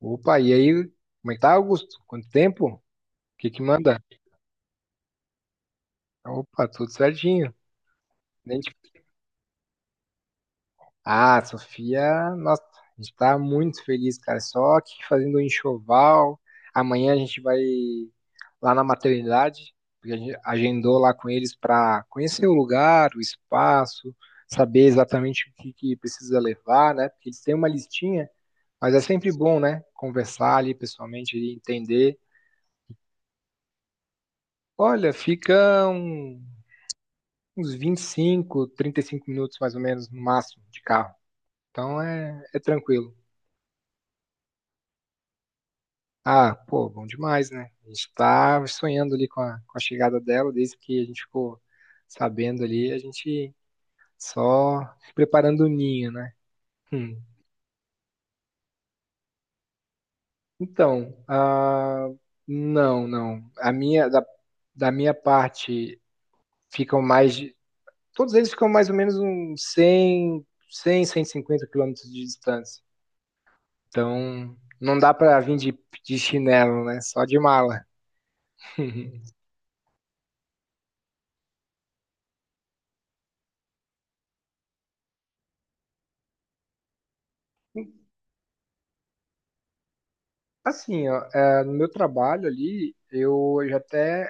Opa, e aí? Como é que tá, Augusto? Quanto tempo? O que que manda? Opa, tudo certinho. Nem te- Ah, Sofia, nossa, a gente tá muito feliz, cara. Só que fazendo um enxoval. Amanhã a gente vai lá na maternidade, porque a gente agendou lá com eles para conhecer o lugar, o espaço, saber exatamente o que que precisa levar, né? Porque eles têm uma listinha, mas é sempre bom, né? Conversar ali pessoalmente e entender. Olha, ficam uns vinte e cinco, trinta e cinco minutos mais ou menos, no máximo, de carro. Então é tranquilo. Ah, pô, bom demais, né? A gente tá sonhando ali com a chegada dela, desde que a gente ficou sabendo ali, a gente só preparando o ninho, né? Hum. Então, ah, não, não. Da minha parte, ficam mais de. Todos eles ficam mais ou menos uns 100, e cinquenta quilômetros de distância. Então, não dá pra vir de chinelo, né? Só de mala. Assim, ó, é, no meu trabalho ali, eu já até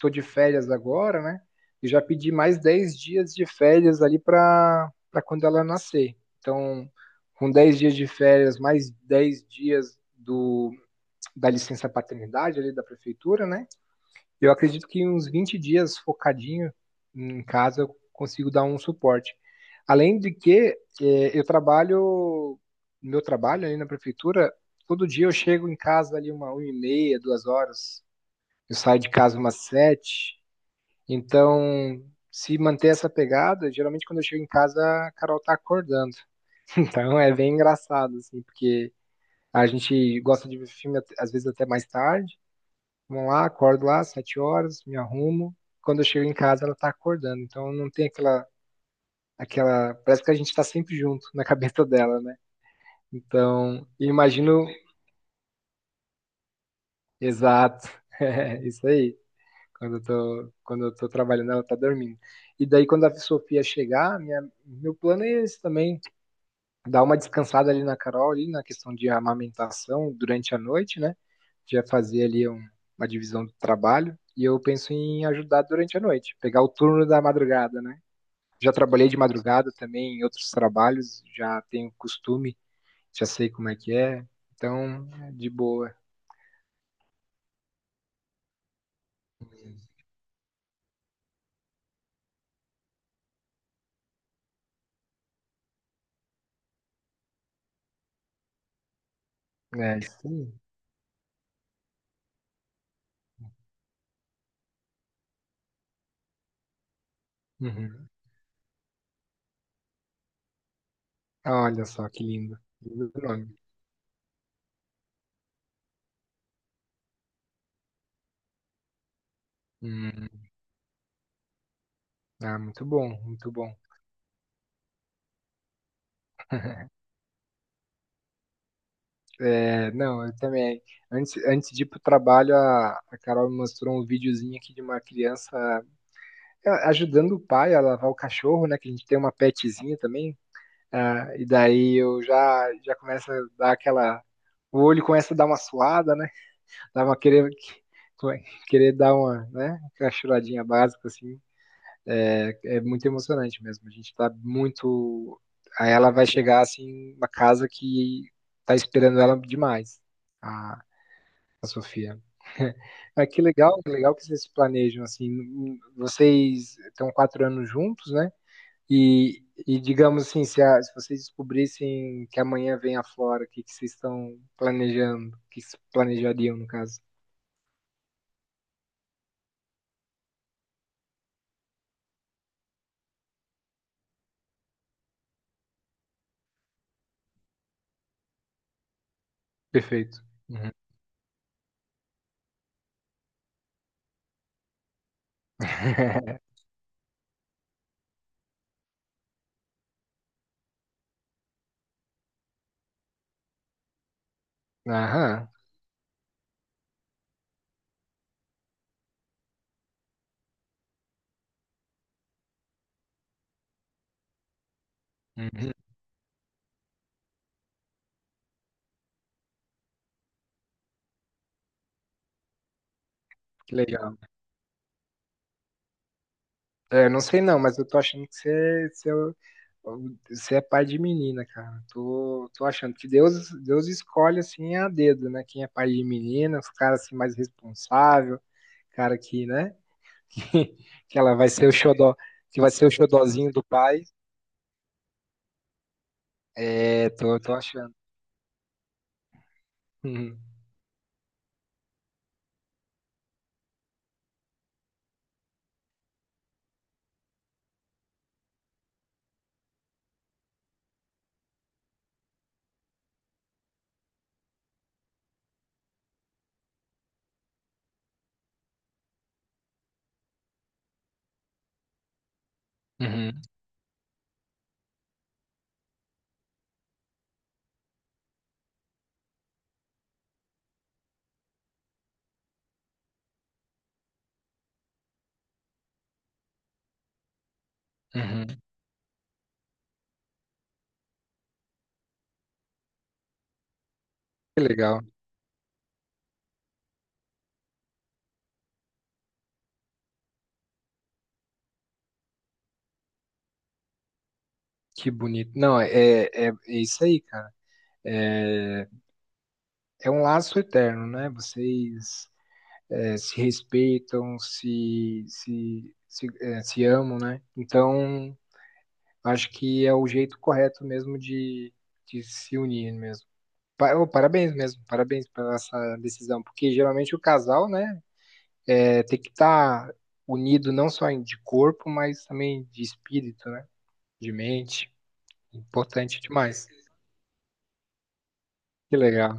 tô de férias agora, né? E já pedi mais 10 dias de férias ali para quando ela nascer. Então, com 10 dias de férias, mais 10 dias do, da licença paternidade ali da prefeitura, né? Eu acredito que uns 20 dias focadinho em casa eu consigo dar um suporte. Além de que eu trabalho, meu trabalho ali na prefeitura, todo dia eu chego em casa ali uma e meia, duas horas. Eu saio de casa umas sete. Então, se manter essa pegada, geralmente quando eu chego em casa, a Carol tá acordando. Então é bem engraçado, assim, porque a gente gosta de ver filme às vezes até mais tarde. Vamos lá, acordo lá, sete horas, me arrumo. Quando eu chego em casa, ela tá acordando. Então não tem aquela. Parece que a gente tá sempre junto na cabeça dela, né? Então, eu imagino. Exato. É isso aí. Quando eu tô trabalhando, ela tá dormindo. E daí, quando a Sofia chegar, minha, meu plano é esse também. Dar uma descansada ali na Carol, ali na questão de amamentação durante a noite, né? Já fazer ali uma divisão do trabalho. E eu penso em ajudar durante a noite, pegar o turno da madrugada, né? Já trabalhei de madrugada também em outros trabalhos, já tenho costume, já sei como é que é. Então, é de boa. É isso aí. Uhum. Olha só que lindo. Lindo nome. Hum, ah, muito bom, muito bom. É, não, eu também. Antes, antes de ir pro trabalho, a Carol me mostrou um videozinho aqui de uma criança ajudando o pai a lavar o cachorro, né? Que a gente tem uma petzinha também. Ah, e daí eu já começo a dar aquela. O olho começa a dar uma suada, né? Dá uma querer, querer dar uma, né? Aquela choradinha básica, assim. É muito emocionante mesmo. A gente tá muito. Aí ela vai chegar, assim, uma casa que tá esperando ela demais. A, Sofia. Ah, que legal, que legal que vocês se planejam assim. Vocês estão quatro anos juntos, né? E digamos assim, se vocês descobrissem que amanhã vem a Flora, o que vocês estão planejando? O que que vocês planejariam, no caso? Perfeito. Uhum. Aham. Uhum. Que legal. É, não sei não, mas eu tô achando que você, você é pai de menina, cara. Tô achando que Deus escolhe assim a dedo, né? Quem é pai de menina, os caras assim mais responsável, cara que, né? Que ela vai ser o xodó, que vai ser o xodózinho do pai. É, tô achando. Uhum, uhum, uhum. Que legal, que bonito. Não, é isso aí, cara. É, é um laço eterno, né? Vocês é, se respeitam, se amam, né? Então acho que é o jeito correto mesmo de se unir mesmo. Ô, parabéns mesmo, parabéns pela essa decisão, porque geralmente o casal, né, é, tem que estar unido não só de corpo, mas também de espírito, né, de mente. Importante demais. Que legal.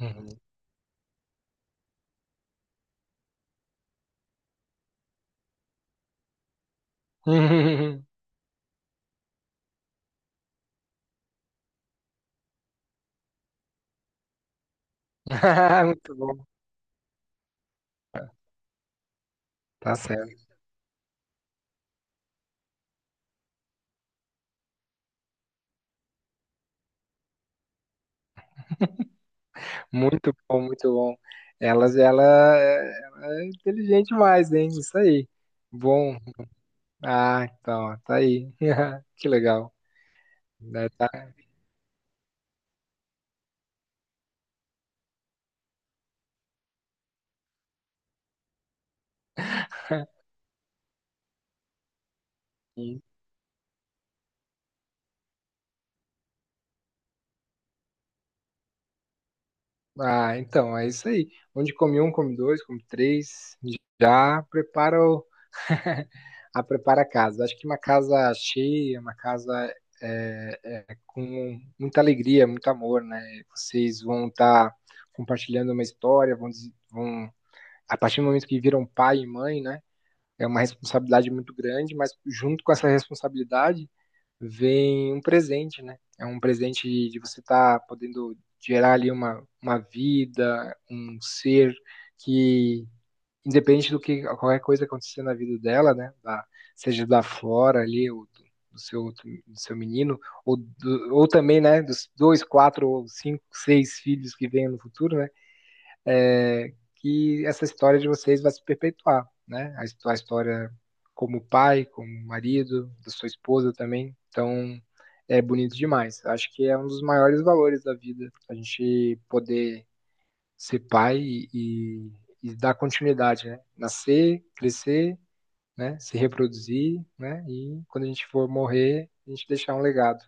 Uhum. Muito bom, tá certo. Muito bom, muito bom. Ela é inteligente mais, hein? Isso aí. Bom. Ah, então, tá aí. Que legal, né? Tá aí. Ah, então, é isso aí. Onde come um, come dois, come três, já prepara o, a prepara a casa. Acho que uma casa cheia, uma casa é, com muita alegria, muito amor, né? Vocês vão estar compartilhando uma história, vão, a partir do momento que viram pai e mãe, né? É uma responsabilidade muito grande, mas junto com essa responsabilidade vem um presente, né? É um presente de você estar podendo gerar ali uma vida, um ser que, independente do que qualquer coisa acontecer na vida dela, né? Seja da Flora ali, ou do, do seu, do seu menino, ou também, né? Dos dois, quatro, ou cinco, seis filhos que venham no futuro, né? É, que essa história de vocês vai se perpetuar, né? A história como pai, como marido, da sua esposa também. Então, é bonito demais. Acho que é um dos maiores valores da vida, a gente poder ser pai e, e dar continuidade, né? Nascer, crescer, né? Se reproduzir, né? E quando a gente for morrer, a gente deixar um legado.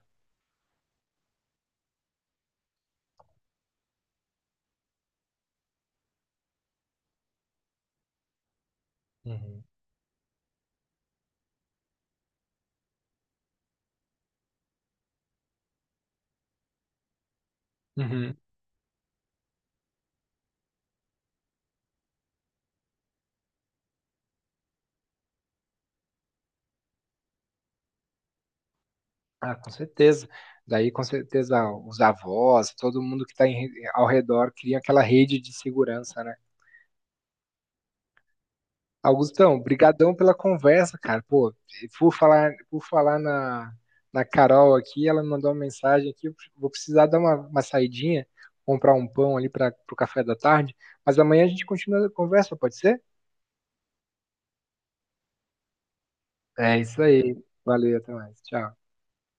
Uhum. Uhum. Ah, com certeza. Daí, com certeza, os avós, todo mundo que está ao redor cria aquela rede de segurança, né? Augustão, brigadão pela conversa, cara. Pô, por falar na Carol aqui, ela me mandou uma mensagem aqui, eu vou precisar dar uma saidinha, comprar um pão ali para o café da tarde, mas amanhã a gente continua a conversa, pode ser? É isso aí. Valeu, até mais. Tchau.